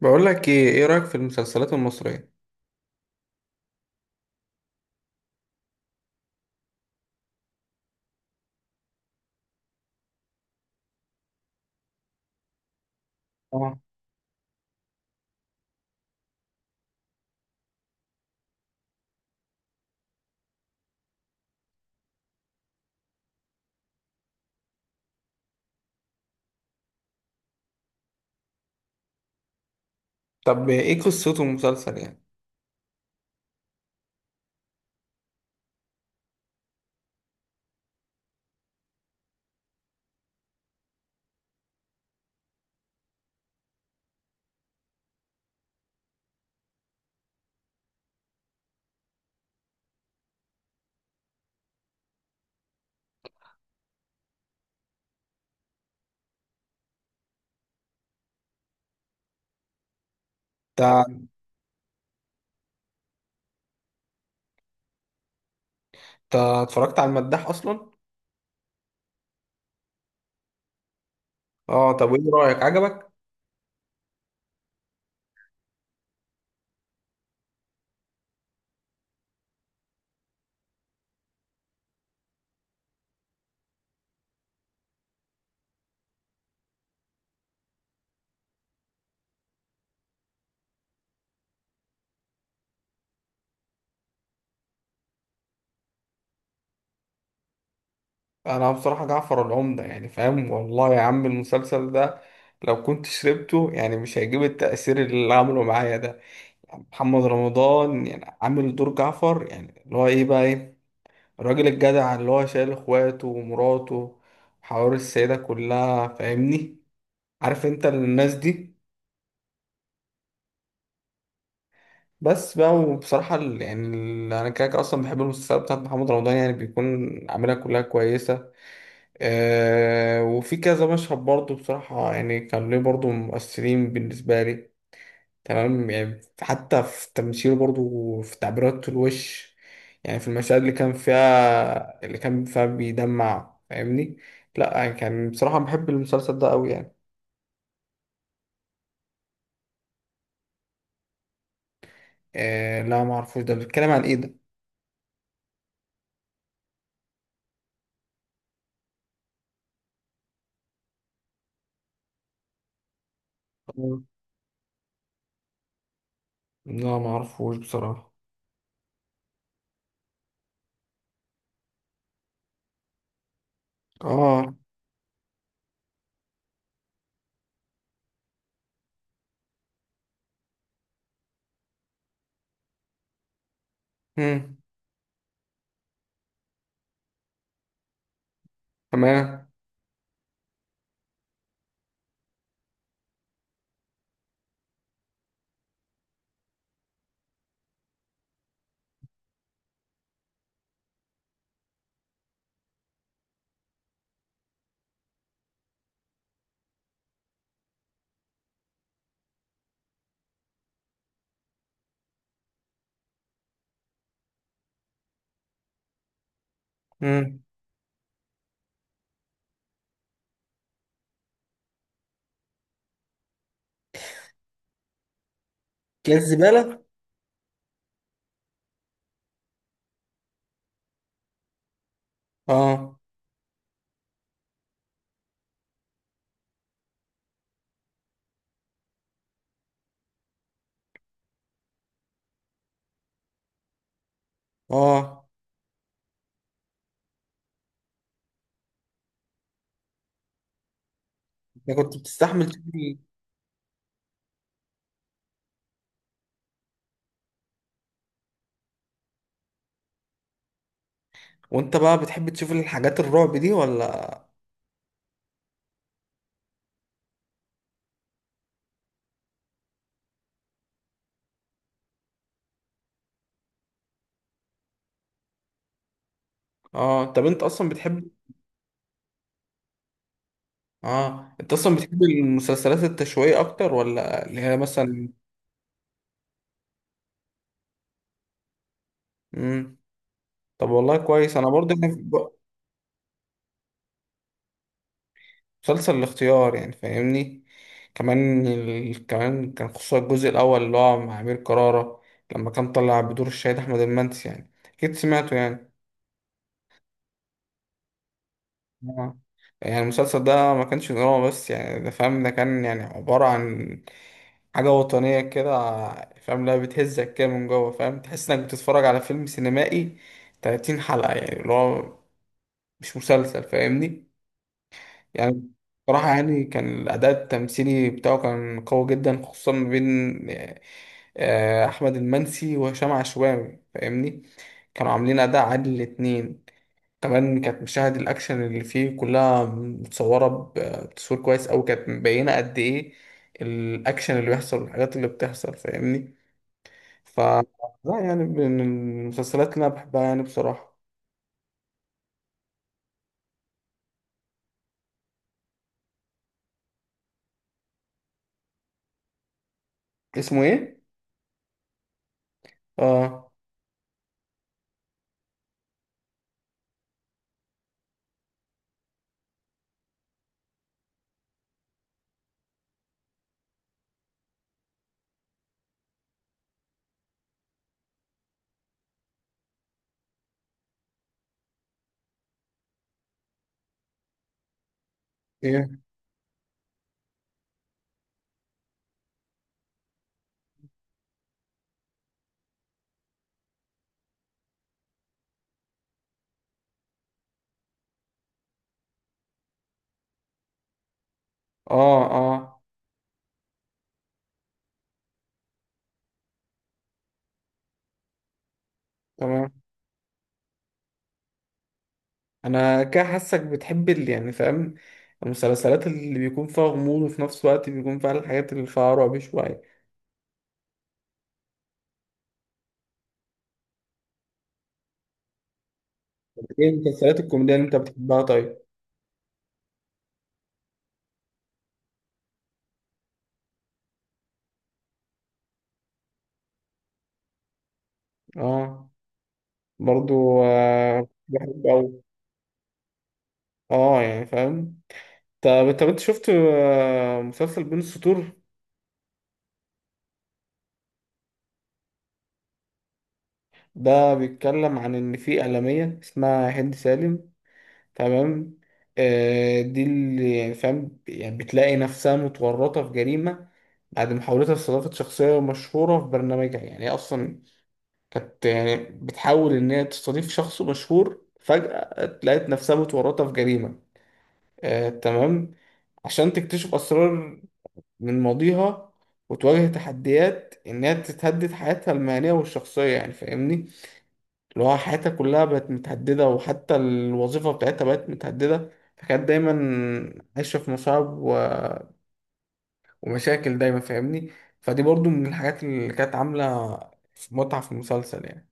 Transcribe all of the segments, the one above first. بقول لك ايه رأيك في المسلسلات المصرية؟ اه، طب ايه قصته المسلسل يعني؟ آه، انت انت اتفرجت على المداح اصلا؟ اه، طب ايه رأيك؟ عجبك؟ انا بصراحة جعفر العمدة يعني، فاهم والله يا عم، المسلسل ده لو كنت شربته يعني مش هيجيب التأثير اللي عمله معايا ده. محمد رمضان يعني عامل دور جعفر، يعني اللي هو ايه بقى، ايه الراجل الجدع اللي هو شايل اخواته ومراته وحوار السيدة كلها، فاهمني؟ عارف انت الناس دي. بس بقى وبصراحة يعني، أنا كده كده أصلا بحب المسلسلات بتاعت محمد رمضان، يعني بيكون عاملها كلها كويسة. أه، وفي كذا مشهد برضه بصراحة يعني كان ليه برضه مؤثرين بالنسبة لي. تمام يعني، حتى في تمثيله برضه وفي تعبيرات الوش، يعني في المشاهد اللي كان فيها بيدمع، فاهمني؟ لأ يعني، كان بصراحة بحب المسلسل ده أوي يعني. أه، لا معرفوش. ده بيتكلم عن إيه ده؟ مم. لا، معرفوش بصراحة. آه. مم. تمام. امم. اكياس زبالة. اه. اه، انت كنت بتستحمل تجري؟ وانت بقى بتحب تشوف الحاجات الرعب دي ولا؟ اه، طب انت اصلا بتحب؟ اه، انت اصلا بتحب المسلسلات التشويقية اكتر، ولا اللي هي مثلا؟ امم. طب والله كويس. انا برضه كان في مسلسل الاختيار يعني، فاهمني؟ كمان كان خصوصا الجزء الاول اللي هو مع امير كرارة، لما كان طلع بدور الشهيد احمد المنسي، يعني اكيد سمعته يعني. آه. يعني المسلسل ده ما كانش دراما بس، يعني ده فاهم، ده كان يعني عبارة عن حاجة وطنية كده. فاهم؟ لا، بتهزك كده من جوه، فاهم تحس انك بتتفرج على فيلم سينمائي 30 حلقة، يعني اللي هو مش مسلسل، فاهمني؟ يعني بصراحة، يعني كان الأداء التمثيلي بتاعه كان قوي جدا، خصوصا ما بين أحمد المنسي وهشام عشوائي، فاهمني؟ كانوا عاملين أداء عادل الاتنين. كمان كانت مشاهد الأكشن اللي فيه كلها متصورة بتصوير كويس أوي، كانت مبينة قد إيه الأكشن اللي بيحصل والحاجات اللي بتحصل، فاهمني؟ ف لا يعني، من المسلسلات اللي أنا بحبها يعني بصراحة. اسمه إيه؟ آه. إيه؟ آه، آه. تمام. أنا كده حاسك بتحب اللي، يعني فاهم، المسلسلات اللي بيكون فيها غموض، وفي نفس الوقت بيكون فيها الحاجات اللي فيها رعب شوية. إيه المسلسلات الكوميدية اللي أنت بتحبها طيب؟ آه. برضو بحبه أوي. اه، يعني فاهم. طب انت شفت مسلسل بين السطور؟ ده بيتكلم عن ان في اعلاميه اسمها هند سالم. تمام. دي اللي، يعني فاهم، يعني بتلاقي نفسها متورطه في جريمه بعد محاولتها لاستضافه شخصيه مشهوره في برنامجها، يعني هي اصلا كانت، يعني بتحاول ان هي تستضيف شخص مشهور، فجاه لقيت نفسها متورطه في جريمه. آه، تمام. عشان تكتشف أسرار من ماضيها وتواجه تحديات إنها تتهدد حياتها المهنية والشخصية، يعني فاهمني، اللي هو حياتها كلها بقت متهددة، وحتى الوظيفة بتاعتها بقت متهددة. فكانت دايما عايشة في مصاعب ومشاكل دايما، فاهمني. فدي برضو من الحاجات اللي كانت عاملة متعة في المسلسل يعني.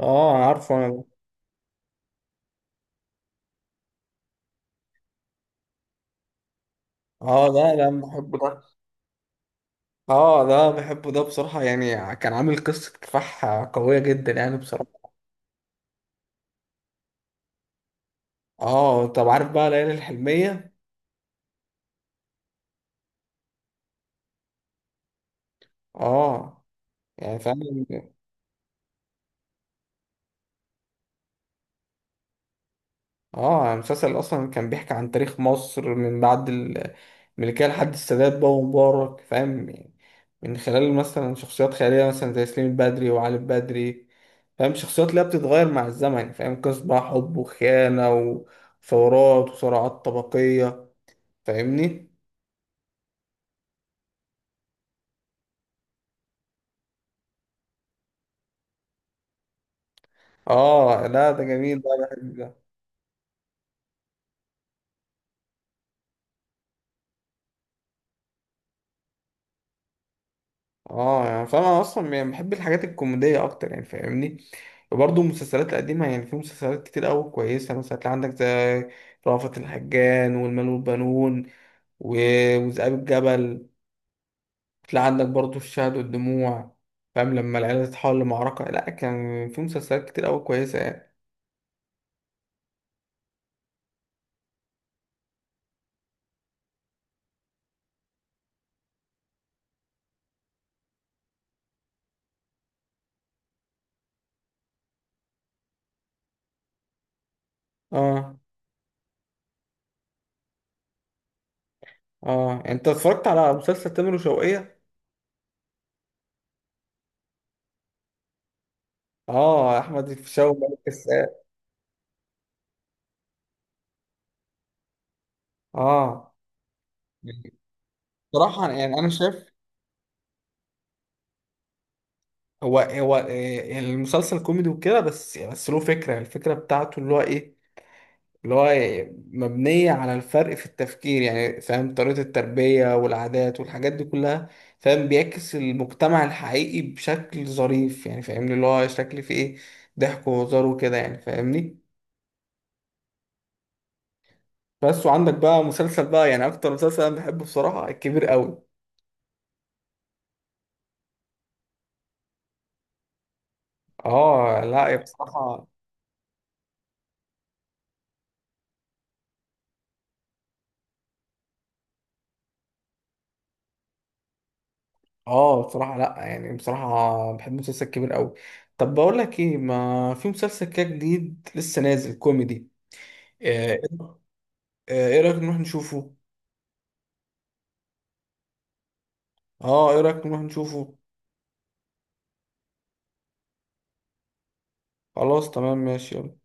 اه، عارفه انا ده. اه، لا، لا، بحبه ده. اه، ده بحبه ده بصراحة، يعني كان عامل قصة كفاح قوية جدا يعني بصراحة. اه، طب عارف بقى ليالي الحلمية؟ اه، يعني فعلا. اه، يعني المسلسل اصلا كان بيحكي عن تاريخ مصر من بعد الملكية لحد السادات بقى ومبارك، فاهم يعني، من خلال مثلا شخصيات خيالية مثلا زي سليم البدري وعلي البدري، فاهم؟ شخصيات اللي هي بتتغير مع الزمن، فاهم؟ قصص بقى حب وخيانة وثورات وصراعات طبقية، فاهمني. اه، لا ده جميل بقى. بحب. اه، يعني فانا اصلا، يعني بحب الحاجات الكوميديه اكتر، يعني فاهمني. وبرضه المسلسلات القديمه يعني، في مسلسلات كتير قوي كويسه، مثلا هتلاقي عندك زي رأفت الهجان والمال والبنون و- وذئاب الجبل، تلاقي عندك برضه الشهد والدموع، فاهم لما العيله تتحول لمعركه. لا، كان في مسلسلات كتير قوي كويسه يعني. اه. اه، يعني انت اتفرجت على مسلسل تامر وشوقية؟ اه، احمد الفيشاوي ومالك الساعة. اه، يعني بصراحه، يعني انا شايف هو المسلسل كوميدي وكده، بس يعني، بس له فكرة، الفكرة بتاعته اللي هو ايه، اللي هو إيه؟ مبنية على الفرق في التفكير يعني، فاهم طريقة التربية والعادات والحاجات دي كلها؟ فاهم؟ بيعكس المجتمع الحقيقي بشكل ظريف، يعني فاهمني، اللي هو شكل فيه ايه ضحك وهزار وكده، يعني فاهمني. بس وعندك بقى مسلسل بقى، يعني اكتر مسلسل انا بحبه بصراحة الكبير قوي. اه، لا يا بصراحة. اه، بصراحة لا يعني، بصراحة بحب مسلسل كبير قوي. طب بقول لك ايه، ما في مسلسل كده جديد لسه نازل كوميدي. آه، إيه، ايه رأيك نروح نشوفه؟ اه، ايه رأيك نروح نشوفه؟ خلاص تمام ماشي يلا.